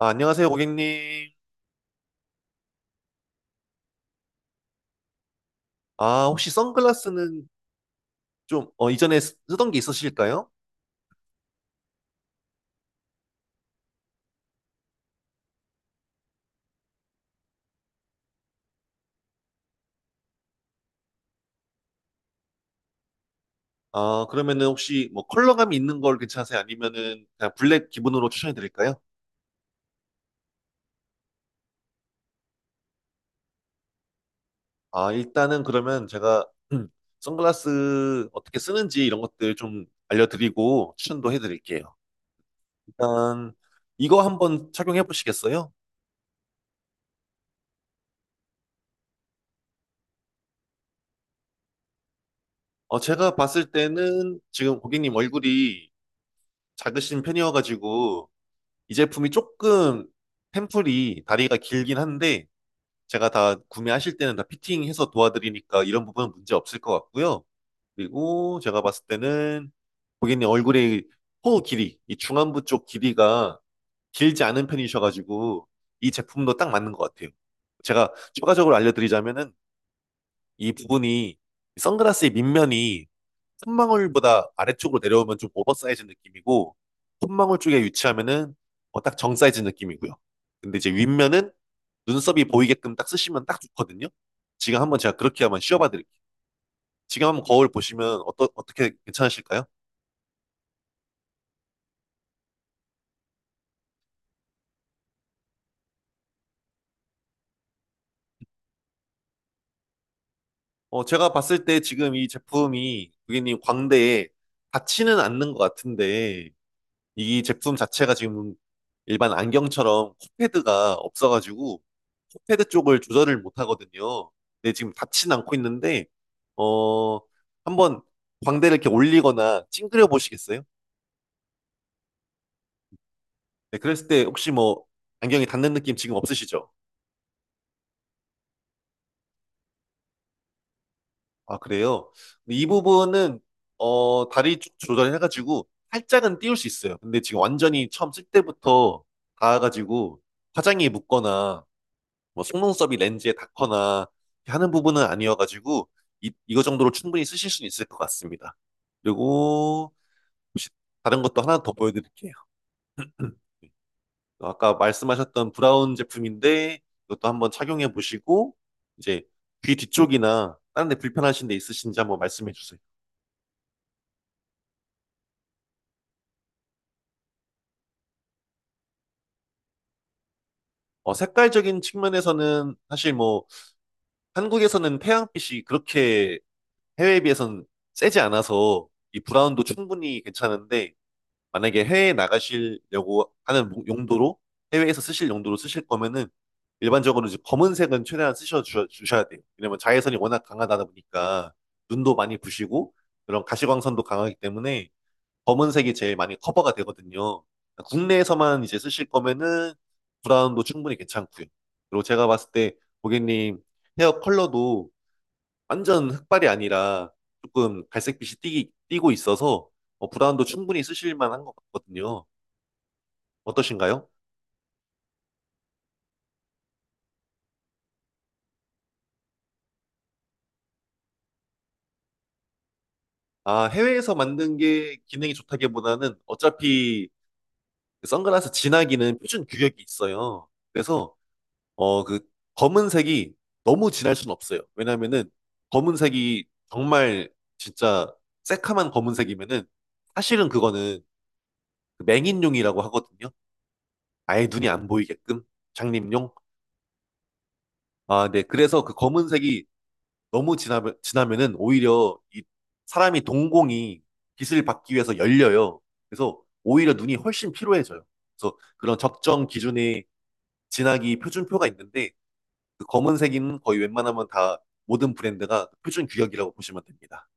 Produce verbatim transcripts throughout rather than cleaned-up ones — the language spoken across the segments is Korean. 아, 안녕하세요, 고객님. 아, 혹시 선글라스는 좀, 어, 이전에 쓰- 쓰던 게 있으실까요? 아, 그러면은 혹시 뭐 컬러감이 있는 걸 괜찮으세요? 아니면은 그냥 블랙 기본으로 추천해 드릴까요? 아, 일단은 그러면 제가 음, 선글라스 어떻게 쓰는지 이런 것들 좀 알려드리고 추천도 해 드릴게요. 일단 이거 한번 착용해 보시겠어요? 어, 제가 봤을 때는 지금 고객님 얼굴이 작으신 편이어가지고 이 제품이 조금 템플이 다리가 길긴 한데 제가 다 구매하실 때는 다 피팅해서 도와드리니까 이런 부분은 문제 없을 것 같고요. 그리고 제가 봤을 때는 고객님 얼굴의 코 길이, 이 중안부 쪽 길이가 길지 않은 편이셔가지고 이 제품도 딱 맞는 것 같아요. 제가 추가적으로 알려드리자면은 이 부분이 선글라스의 밑면이 콧망울보다 아래쪽으로 내려오면 좀 오버사이즈 느낌이고 콧망울 쪽에 위치하면은 어, 딱 정사이즈 느낌이고요. 근데 이제 윗면은 눈썹이 보이게끔 딱 쓰시면 딱 좋거든요. 지금 한번 제가 그렇게 한번 씌워봐 드릴게요. 지금 한번 거울 보시면 어떠, 어떻게 괜찮으실까요? 어, 제가 봤을 때 지금 이 제품이 고객님 광대에 닿지는 않는 것 같은데 이 제품 자체가 지금 일반 안경처럼 코패드가 없어가지고 코패드 쪽을 조절을 못 하거든요. 근데 지금 닿진 않고 있는데, 어, 한번 광대를 이렇게 올리거나 찡그려 보시겠어요? 네, 그랬을 때 혹시 뭐 안경이 닿는 느낌 지금 없으시죠? 아, 그래요? 근데 이 부분은, 어, 다리 쪽 조절해가지고 살짝은 띄울 수 있어요. 근데 지금 완전히 처음 쓸 때부터 닿아가지고 화장이 묻거나 뭐 속눈썹이 렌즈에 닿거나 하는 부분은 아니어가지고 이, 이거 정도로 충분히 쓰실 수는 있을 것 같습니다. 그리고 혹시 다른 것도 하나 더 보여드릴게요. 아까 말씀하셨던 브라운 제품인데 이것도 한번 착용해 보시고 이제 귀 뒤쪽이나 다른 데 불편하신 데 있으신지 한번 말씀해 주세요. 어, 색깔적인 측면에서는 사실 뭐 한국에서는 태양빛이 그렇게 해외에 비해서는 세지 않아서 이 브라운도 충분히 괜찮은데 만약에 해외에 나가시려고 하는 목- 용도로 해외에서 쓰실 용도로 쓰실 거면은 일반적으로 이제 검은색은 최대한 쓰셔 주, 주셔야 돼요. 왜냐면 자외선이 워낙 강하다 보니까 눈도 많이 부시고 그런 가시광선도 강하기 때문에 검은색이 제일 많이 커버가 되거든요. 국내에서만 이제 쓰실 거면은 브라운도 충분히 괜찮고요. 그리고 제가 봤을 때 고객님 헤어 컬러도 완전 흑발이 아니라 조금 갈색빛이 띠, 띠고 있어서 어, 브라운도 충분히 쓰실 만한 것 같거든요. 어떠신가요? 아, 해외에서 만든 게 기능이 좋다기보다는 어차피 그 선글라스 진하기는 표준 규격이 있어요. 그래서 어, 그 검은색이 너무 진할 순 없어요. 왜냐면은 검은색이 정말 진짜 새카만 검은색이면은 사실은 그거는 그 맹인용이라고 하거든요. 아예 눈이 안 보이게끔 장님용. 아, 네. 그래서 그 검은색이 너무 지나면 지나면은 오히려 이 사람이 동공이 빛을 받기 위해서 열려요. 그래서 오히려 눈이 훨씬 피로해져요. 그래서 그런 적정 기준의 진하기 표준표가 있는데 그 검은색인 거의 웬만하면 다 모든 브랜드가 그 표준 규격이라고 보시면 됩니다.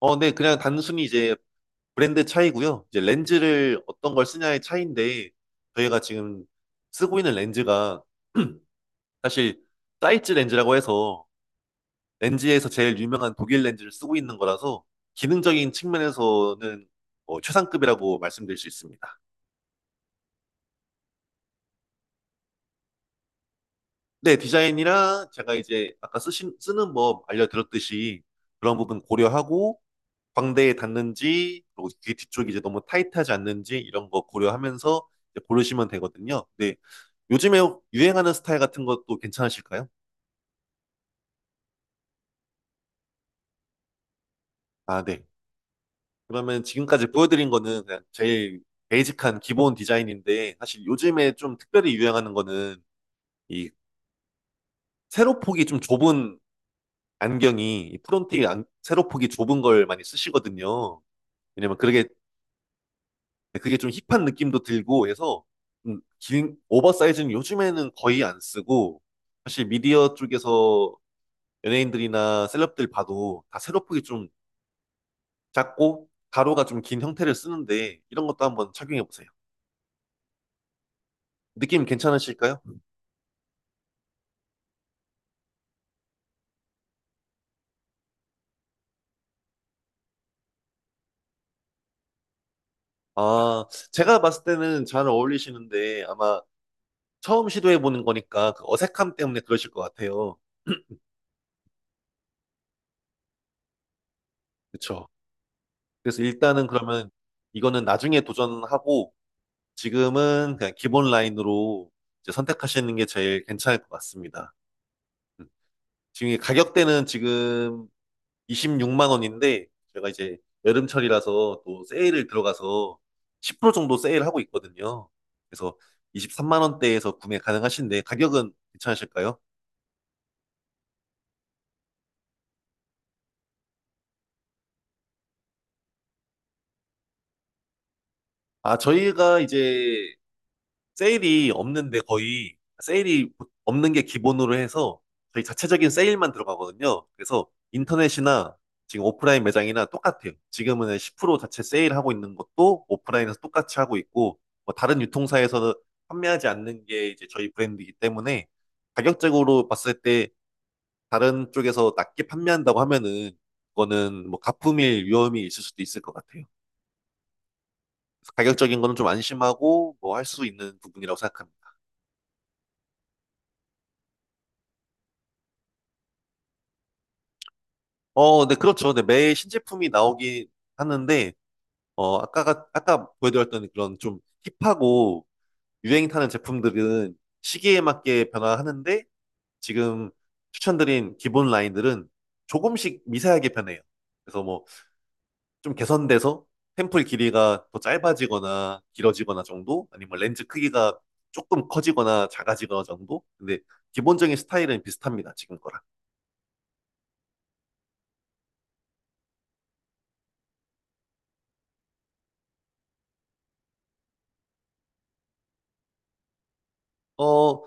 어, 네. 그냥 단순히 이제 브랜드 차이고요. 이제 렌즈를 어떤 걸 쓰냐의 차이인데 저희가 지금 쓰고 있는 렌즈가 사실 사이즈 렌즈라고 해서 렌즈에서 제일 유명한 독일 렌즈를 쓰고 있는 거라서 기능적인 측면에서는 뭐 최상급이라고 말씀드릴 수 있습니다. 네, 디자인이랑 제가 이제 아까 쓰신, 쓰는 법 알려드렸듯이 그런 부분 고려하고 광대에 닿는지 그리고 귀 뒤쪽이 이제 너무 타이트하지 않는지 이런 거 고려하면서 이제 고르시면 되거든요. 네, 요즘에 유행하는 스타일 같은 것도 괜찮으실까요? 아, 네. 그러면 지금까지 보여드린 거는 그냥 제일 베이직한 기본 디자인인데 사실 요즘에 좀 특별히 유행하는 거는 이 세로폭이 좀 좁은 안경이 이 프론틱 안, 세로폭이 좁은 걸 많이 쓰시거든요. 왜냐면 그게 그게 좀 힙한 느낌도 들고 해서 좀 긴 오버사이즈는 요즘에는 거의 안 쓰고 사실 미디어 쪽에서 연예인들이나 셀럽들 봐도 다 세로폭이 좀 작고 가로가 좀 긴 형태를 쓰는데 이런 것도 한번 착용해 보세요. 느낌 괜찮으실까요? 아, 제가 봤을 때는 잘 어울리시는데 아마 처음 시도해보는 거니까 그 어색함 때문에 그러실 것 같아요. 그쵸? 그래서 일단은 그러면 이거는 나중에 도전하고 지금은 그냥 기본 라인으로 이제 선택하시는 게 제일 괜찮을 것 같습니다. 음. 지금 이 가격대는 지금 이십육만 원인데 제가 이제 여름철이라서 또 세일을 들어가서 십 퍼센트 정도 세일하고 있거든요. 그래서 이십삼만 원대에서 구매 가능하신데 가격은 괜찮으실까요? 아, 저희가 이제 세일이 없는데 거의 세일이 없는 게 기본으로 해서 저희 자체적인 세일만 들어가거든요. 그래서 인터넷이나 지금 오프라인 매장이나 똑같아요. 지금은 십 퍼센트 자체 세일하고 있는 것도 오프라인에서 똑같이 하고 있고 뭐 다른 유통사에서는 판매하지 않는 게 이제 저희 브랜드이기 때문에 가격적으로 봤을 때 다른 쪽에서 낮게 판매한다고 하면은 그거는 뭐 가품일 위험이 있을 수도 있을 것 같아요. 가격적인 거는 좀 안심하고 뭐 할 수 있는 부분이라고 생각합니다. 어, 네, 그렇죠. 네, 매일 신제품이 나오긴 하는데, 어, 아까가, 아까 보여드렸던 그런 좀 힙하고 유행 타는 제품들은 시기에 맞게 변화하는데, 지금 추천드린 기본 라인들은 조금씩 미세하게 변해요. 그래서 뭐 좀 개선돼서 템플 길이가 더 짧아지거나 길어지거나 정도, 아니면 렌즈 크기가 조금 커지거나 작아지거나 정도. 근데 기본적인 스타일은 비슷합니다. 지금 거랑. 어,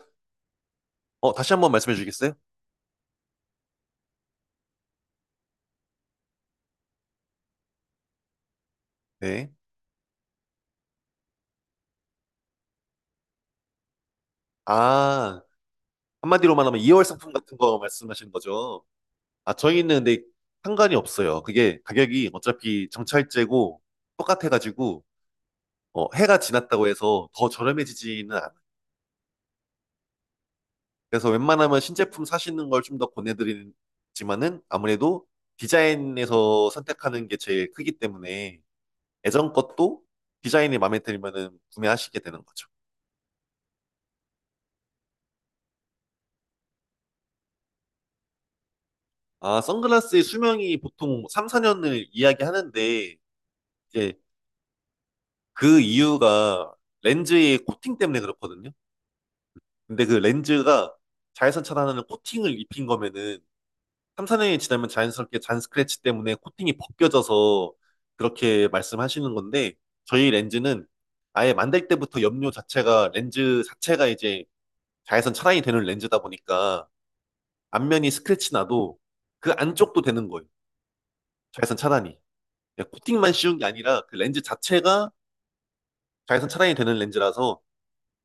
어, 다시 한 번 말씀해 주시겠어요? 네. 아, 한마디로만 하면 이월 상품 같은 거 말씀하시는 거죠? 아, 저희는 근데 상관이 없어요. 그게 가격이 어차피 정찰제고 똑같아가지고, 어, 해가 지났다고 해서 더 저렴해지지는 않아요. 그래서 웬만하면 신제품 사시는 걸 좀 더 권해드리지만은 아무래도 디자인에서 선택하는 게 제일 크기 때문에 예전 것도 디자인이 마음에 들면은 구매하시게 되는 거죠. 아, 선글라스의 수명이 보통 삼, 사 년을 이야기하는데, 이제 그 이유가 렌즈의 코팅 때문에 그렇거든요. 근데 그 렌즈가 자외선 차단하는 코팅을 입힌 거면은 삼, 사 년이 지나면 자연스럽게 잔 스크래치 때문에 코팅이 벗겨져서 그렇게 말씀하시는 건데, 저희 렌즈는 아예 만들 때부터 염료 자체가 렌즈 자체가 이제 자외선 차단이 되는 렌즈다 보니까 앞면이 스크래치 나도 그 안쪽도 되는 거예요. 자외선 차단이. 그냥 코팅만 씌운 게 아니라 그 렌즈 자체가 자외선 차단이 되는 렌즈라서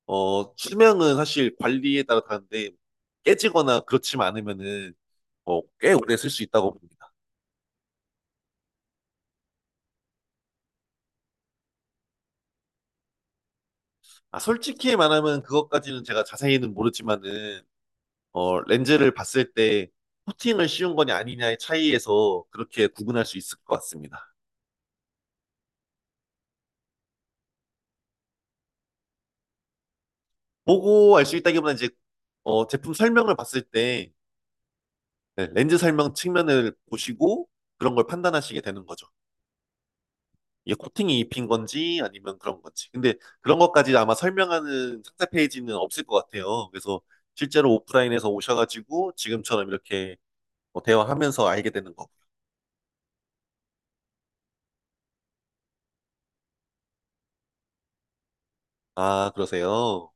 어 수명은 사실 관리에 따라 다른데 깨지거나 그렇지만 않으면은 어, 꽤 오래 쓸 수 있다고 봅니다. 아 솔직히 말하면 그것까지는 제가 자세히는 모르지만은 어 렌즈를 봤을 때 코팅을 씌운 거냐 아니냐의 차이에서 그렇게 구분할 수 있을 것 같습니다. 보고 알 수 있다기보다 이제 어 제품 설명을 봤을 때 네, 렌즈 설명 측면을 보시고 그런 걸 판단하시게 되는 거죠. 이게 코팅이 입힌 건지 아니면 그런 건지. 근데 그런 것까지 아마 설명하는 상세 페이지는 없을 것 같아요. 그래서 실제로 오프라인에서 오셔가지고 지금처럼 이렇게 뭐 대화하면서 알게 되는 거고. 아, 그러세요?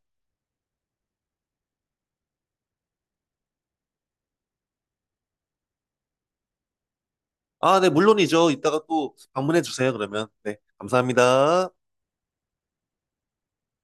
아, 네, 물론이죠. 이따가 또 방문해 주세요, 그러면. 네, 감사합니다.